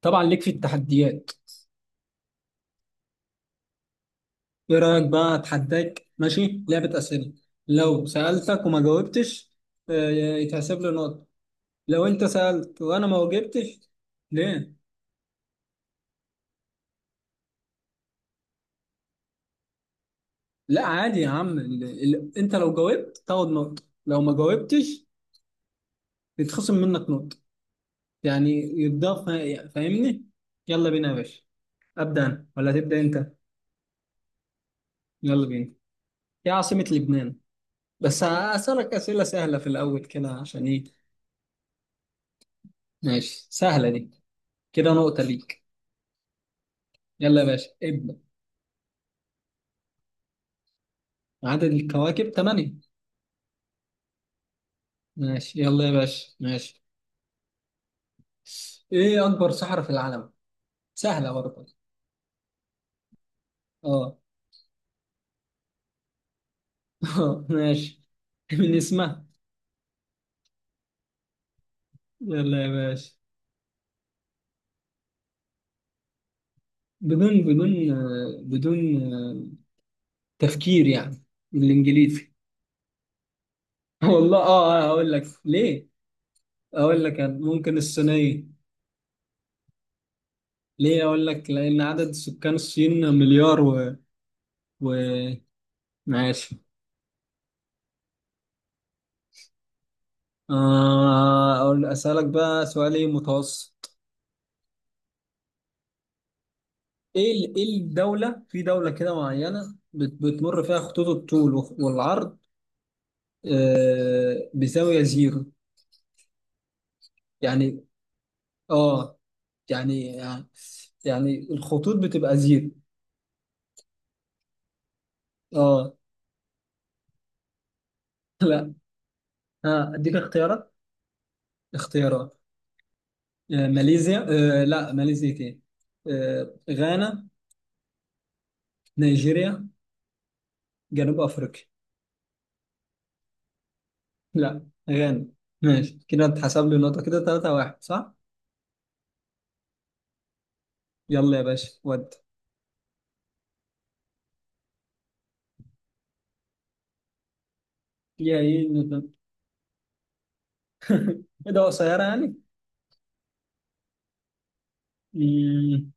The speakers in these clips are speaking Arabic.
طبعا ليك في التحديات. ايه رايك بقى؟ اتحداك ماشي، لعبه اسئله. لو سالتك وما جاوبتش، يتحسب لي نقطه. لو انت سالت وانا ما جاوبتش؟ ليه؟ لا عادي يا عم، انت لو جاوبت تاخد نقطه، لو ما جاوبتش يتخصم منك نقطه، يعني يتضاف. فاهمني؟ يلا بينا يا باشا. ابدا انا ولا تبدا انت؟ يلا بينا. ايه عاصمه لبنان؟ بس هسألك أسئلة سهلة في الأول كده، عشان إيه. ماشي، سهلة دي. كده نقطة ليك. يلا يا باشا ابدأ. عدد الكواكب ثمانية. ماشي، يلا يا باشا ماشي. ايه اكبر صحراء في العالم؟ سهلة برضه. اه. ماشي، من اسمها. يلا يا باشا. بدون بدون آه، تفكير يعني، بالانجليزي. والله هقول لك ليه. اقول لك أنا. ممكن الصينية. ليه اقول لك؟ لان عدد سكان الصين مليار و، و... ماشي. اسالك بقى سؤال. ايه متوسط؟ ايه الدولة، في دولة كده معينة بتمر فيها خطوط الطول والعرض بزاوية زيرو، يعني. اه. يعني، يعني الخطوط بتبقى زيرو. اه. لا، ها اديك اختيارات. اختيارات ماليزيا، لا ماليزيا ايه. غانا، نيجيريا، جنوب افريقيا. لا، غانا. ماشي، كده اتحسب لي نقطة كده، 3 واحد صح؟ يلا يا باشا ود. يا ايه؟ ايه ده؟ قصيرة يعني؟ مم،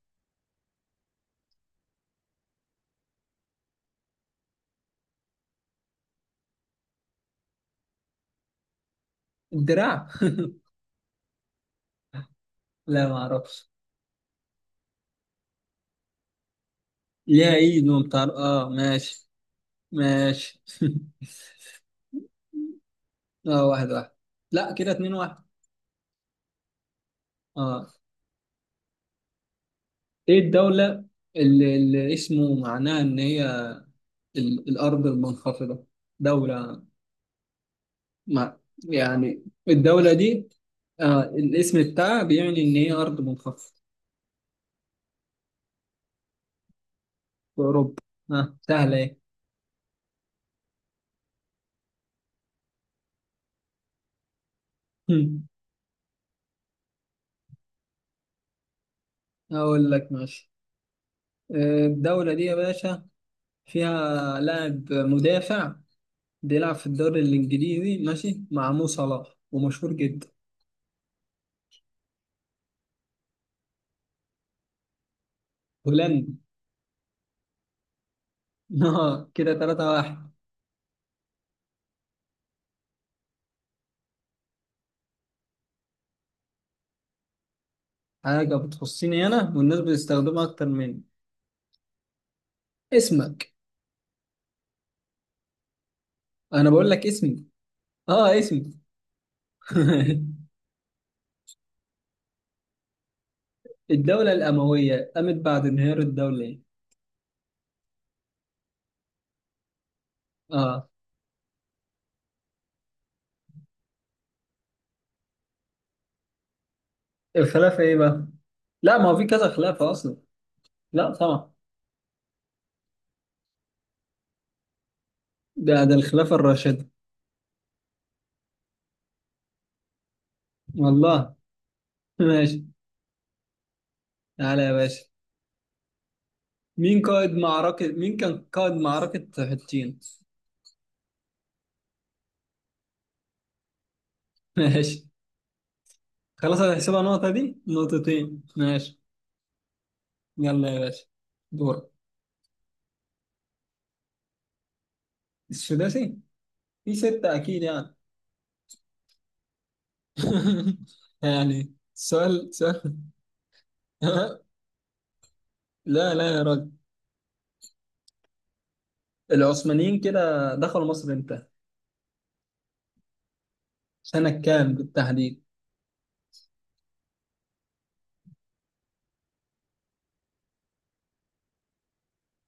الدراع. لا ما اعرفش. ليها ايد ومطر، اه ماشي. ماشي. اه، واحد واحد. لا كده، اتنين واحد. اه. ايه الدولة اللي اسمه معناها ان هي الارض المنخفضة؟ دولة، ما يعني الدولة دي الاسم بتاعها بيعني ان هي ارض منخفضة. في اوروبا. اه سهلة ايه. اقول لك ماشي. الدولة دي يا باشا فيها لاعب مدافع بيلعب في الدوري الإنجليزي ماشي، مع مو صلاح، ومشهور جدا. هولندي. اه، كده تلاتة واحد. حاجة بتخصني أنا والناس بتستخدمها أكتر مني. اسمك. أنا بقول لك اسمي. اه، اسمي. الدولة الأموية قامت بعد انهيار الدولة إيه؟ اه. الخلافة إيه بقى؟ لا، ما هو في كذا خلافة أصلا. لا طبعا. ده الخلافة الراشدة. والله. ماشي، تعالى يا باشا. مين كان قائد معركة حطين؟ ماشي، خلاص هتحسبها نقطة. دي نقطتين ماشي. يلا يا باشا دور. السداسي في ستة أكيد يعني. يعني، سؤال سؤال. لا لا يا راجل. العثمانيين كده دخلوا مصر امتى؟ سنة كام بالتحديد؟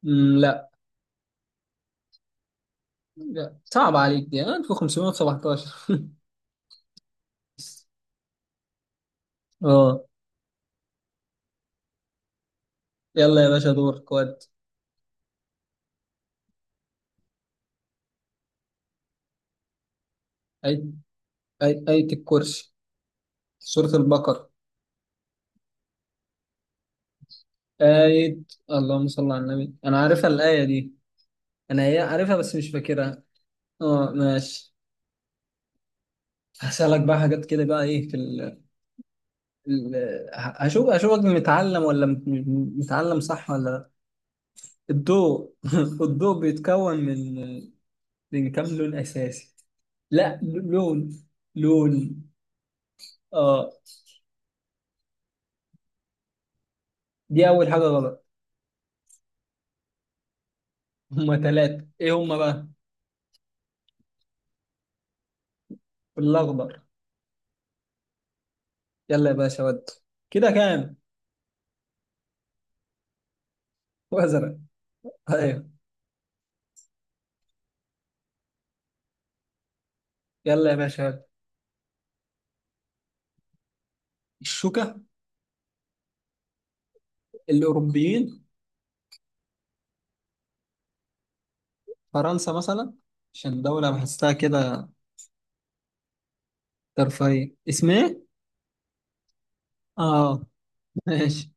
مم، لا. لا صعب عليك، دي 1517. اه. يلا يا باشا دور كواد. آية. آية الكرسي، سورة البقرة. آية. اللهم صل على النبي، أنا عارفها الآية دي. أنا هي عارفها بس مش فاكرها. اه ماشي. هسألك بقى حاجات كده بقى، ايه في ال... هشوف اشوفك متعلم ولا متعلم صح ولا لا. الضوء الضوء بيتكون من، من كام لون اساسي؟ لا، لون. لون، اه. دي اول حاجة غلط. هما ثلاثة، ايه هما بقى؟ الاخضر. يلا يا باشا ود. كده كام؟ وازرق، ايوه. يلا يا باشا ود. الشوكة، الاوروبيين. فرنسا مثلا، عشان دولة بحسها كده. ترفيه اسمه ايه. اه ماشي.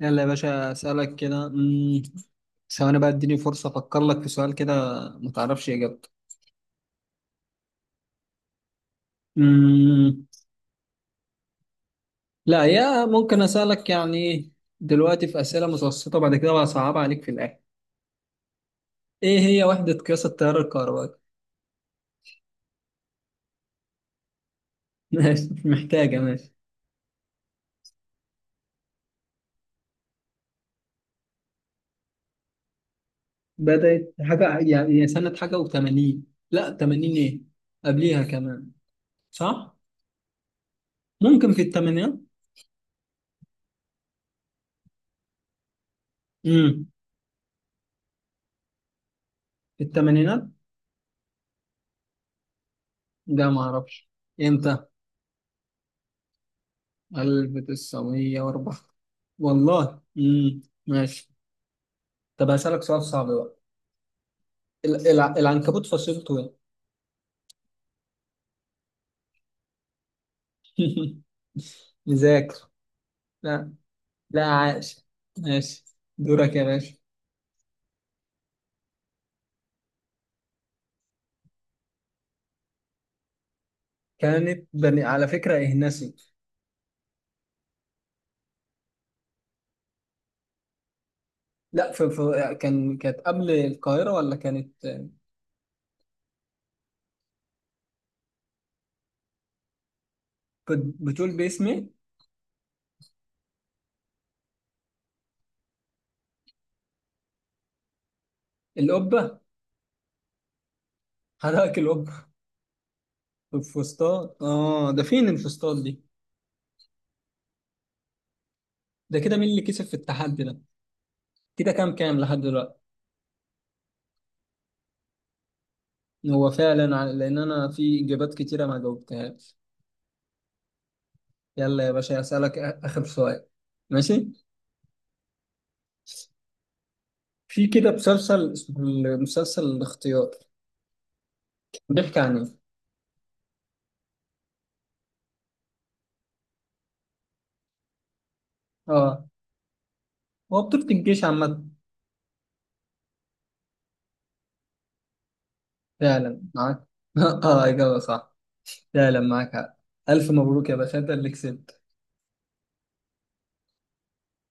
يلا يا باشا اسالك كده. ثواني بقى، اديني فرصه افكر لك في سؤال كده ما تعرفش اجابته. مم. لا، يا ممكن اسالك يعني دلوقتي في اسئله متوسطه، بعد كده بقى صعبه عليك في الاخر. ايه هي وحده قياس التيار الكهربائي؟ ماشي، مش محتاجه ماشي. بدات حاجه، يعني هي سنه حاجه و80. لا 80 ايه، قبليها كمان، صح. ممكن في الثمانينات. امم. في الثمانينات. ده ما اعرفش امتى. 1904. والله ماشي. طب هسألك سؤال صعب بقى. العنكبوت فصيلته ايه؟ مذاكر. لا. لا عاش. ماشي. دورك يا باشا. كانت بني على فكرة إهنسي. لا كانت قبل القاهرة ولا كانت. بتقول باسم ايه؟ القبة. حضرتك، القبة. الفسطاط، اه. ده فين الفسطاط دي؟ ده كده مين اللي كسب في التحدي ده؟ كده كام لحد دلوقتي؟ هو فعلا لان انا في اجابات كتيره ما جاوبتهاش. يلا يا باشا اسالك اخر سؤال. ماشي. في كده مسلسل اسمه المسلسل الاختيار، بيحكي عن ايه؟ اه، هو بطولة الجيش عامة. فعلا معاك. اه اجابه صح. فعلا معاك حق. الف مبروك يا باشا، انت اللي كسبت.